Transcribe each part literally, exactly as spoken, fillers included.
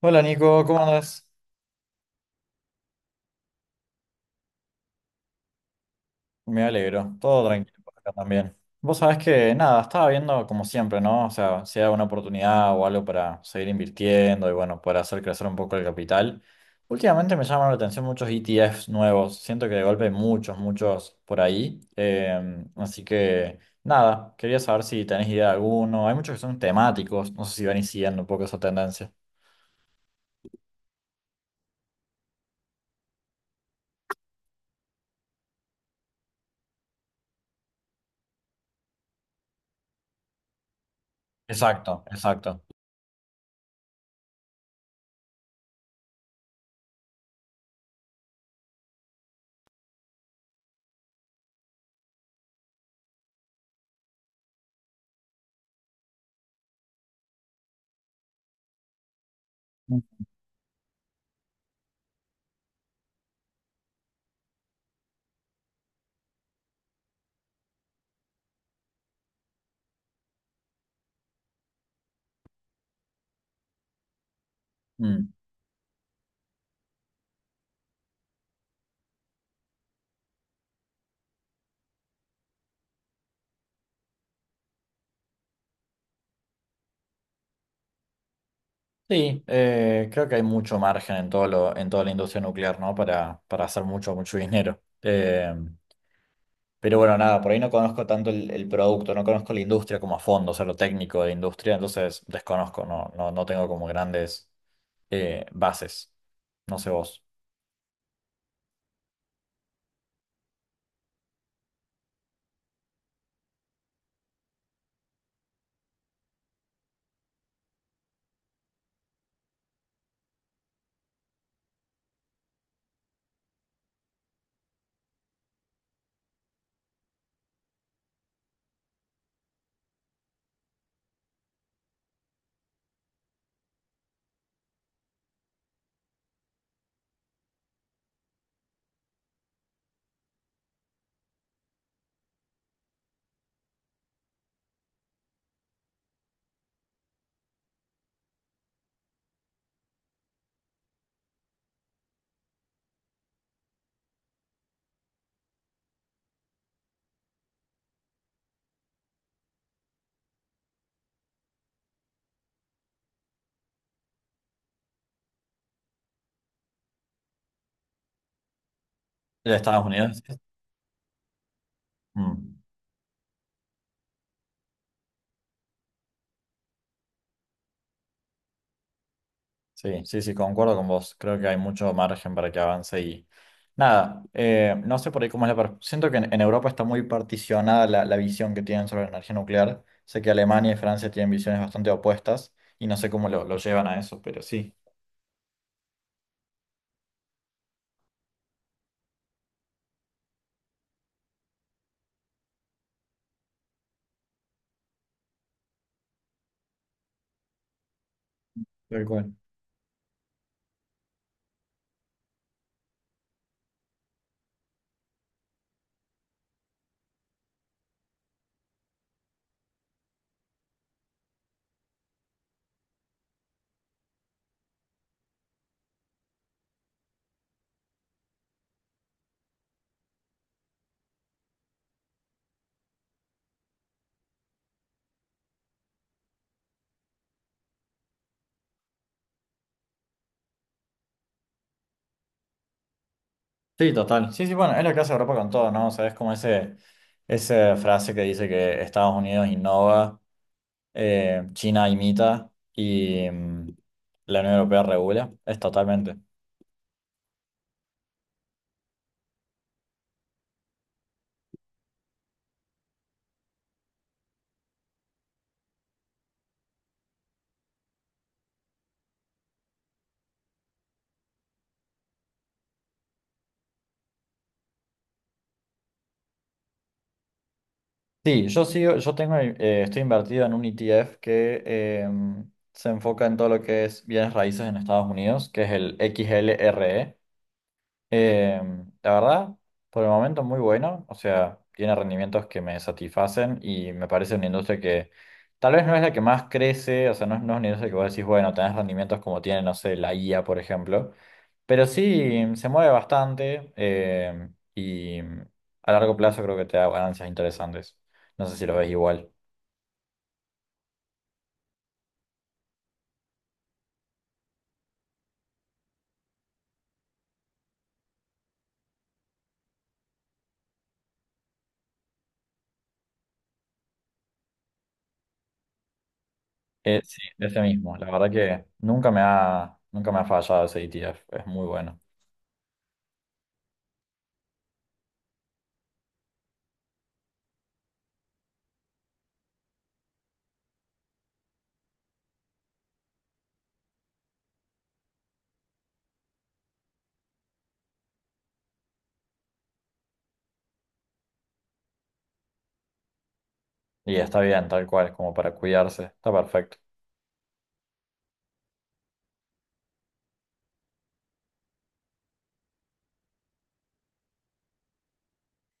Hola Nico, ¿cómo andas? Me alegro, todo tranquilo por acá también. Vos sabés que nada, estaba viendo como siempre, ¿no? O sea, si hay una oportunidad o algo para seguir invirtiendo y bueno, para hacer crecer un poco el capital. Últimamente me llaman la atención muchos E T Fs nuevos, siento que de golpe hay muchos, muchos por ahí. Eh, así que nada, quería saber si tenés idea de alguno. Hay muchos que son temáticos, no sé si van siguiendo un poco esa tendencia. Exacto, exacto. Mm. Sí, eh, creo que hay mucho margen en todo lo, en toda la industria nuclear, ¿no? Para, para hacer mucho, mucho dinero. Eh, pero bueno, nada, por ahí no conozco tanto el, el producto, no conozco la industria como a fondo, o sea, lo técnico de la industria, entonces desconozco, no, no, no tengo como grandes eh, bases. No sé vos. ¿De Estados Unidos? Mm. Sí, sí, sí, concuerdo con vos. Creo que hay mucho margen para que avance y nada, eh, no sé por ahí cómo es la... per- Siento que en, en Europa está muy particionada la, la visión que tienen sobre la energía nuclear. Sé que Alemania y Francia tienen visiones bastante opuestas y no sé cómo lo, lo llevan a eso, pero sí, tal cual. Sí, total. Sí, sí, bueno, es lo que hace Europa con todo, ¿no? O sea, es como ese, esa frase que dice que Estados Unidos innova, eh, China imita y mm, la Unión Europea regula. Es totalmente. Sí, yo sigo, yo tengo, eh, estoy invertido en un E T F que em, se enfoca en todo lo que es bienes raíces en Estados Unidos, que es el X L R E. Eh, la verdad, por el momento muy bueno, o sea, tiene rendimientos que me satisfacen y me parece una industria que tal vez no es la que más crece, o sea, no, es no es una industria que vos decís, bueno, tenés rendimientos como tiene, no sé, la I A, por ejemplo, pero sí se mueve bastante eh, y a largo plazo creo que te da ganancias interesantes. No sé si lo ves igual. Eh, sí, ese mismo, la verdad que nunca me ha, nunca me ha fallado ese E T F, es muy bueno. Y está bien, tal cual, como para cuidarse, está perfecto.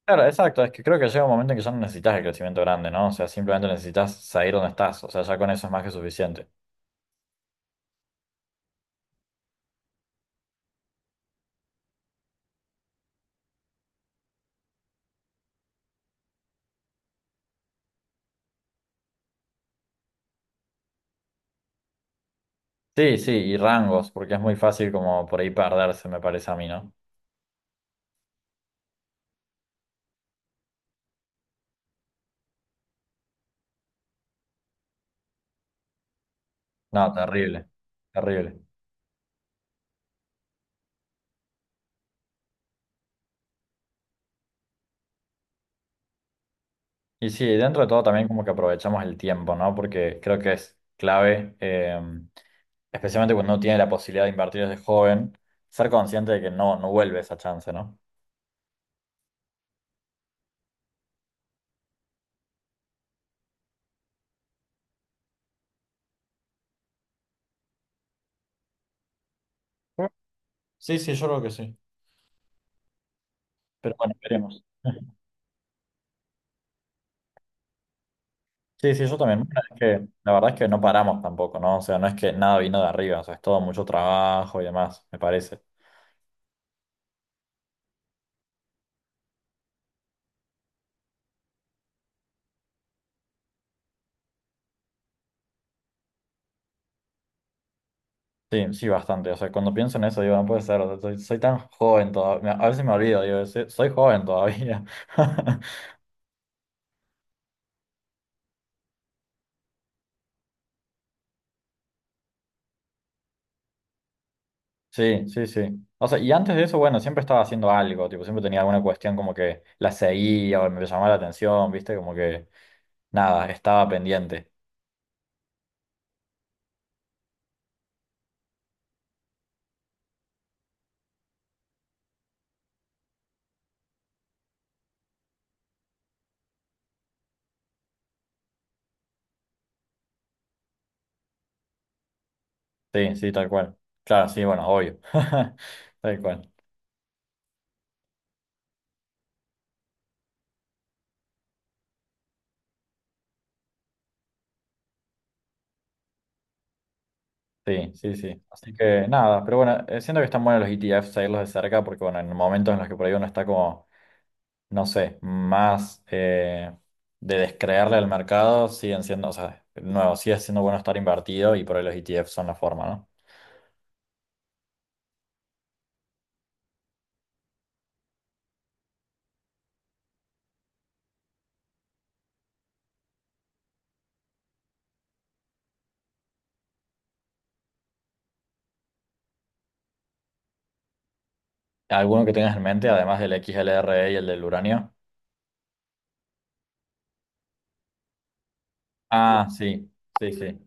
Claro, exacto, es que creo que llega un momento en que ya no necesitas el crecimiento grande, ¿no? O sea, simplemente necesitas salir donde estás, o sea, ya con eso es más que suficiente. Sí, sí, y rangos, porque es muy fácil como por ahí perderse, me parece a mí, ¿no? No, terrible, terrible. Y sí, dentro de todo también como que aprovechamos el tiempo, ¿no? Porque creo que es clave, eh, especialmente cuando uno tiene la posibilidad de invertir desde joven, ser consciente de que no, no vuelve esa chance, ¿no? Sí, sí, yo creo que sí. Pero bueno, veremos. Sí, sí, yo también. Bueno, es que la verdad es que no paramos tampoco, ¿no? O sea, no es que nada vino de arriba, o sea, es todo mucho trabajo y demás, me parece. Sí, sí, bastante. O sea, cuando pienso en eso, digo, no puede ser, o sea, soy, soy tan joven todavía. A veces me olvido, digo, "Sí, soy joven todavía. Sí, sí, sí. O sea, y antes de eso, bueno, siempre estaba haciendo algo, tipo, siempre tenía alguna cuestión como que la seguía o me llamaba la atención, ¿viste? Como que nada, estaba pendiente. Sí, sí, tal cual. Claro, sí, bueno, obvio. Tal cual. Sí, sí, sí. Así que nada, pero bueno, eh, siento que están buenos los E T Fs, seguirlos de cerca, porque bueno, en momentos en los que por ahí uno está como, no sé, más eh, de descreerle al mercado, siguen siendo, o sea, nuevo, sigue siendo bueno estar invertido y por ahí los E T Fs son la forma, ¿no? ¿Alguno que tengas en mente, además del X L R E y el del uranio? Ah, sí, sí, sí.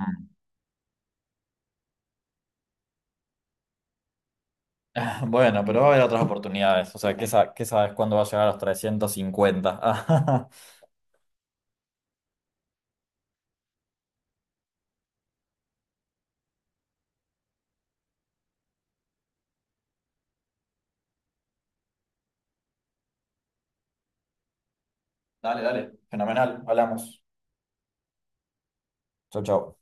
Mm. Bueno, pero va a haber otras oportunidades, o sea, ¿qué, sa- qué sabes cuándo va a llegar a los trescientos cincuenta? Dale, dale, fenomenal, hablamos. Chau, chau.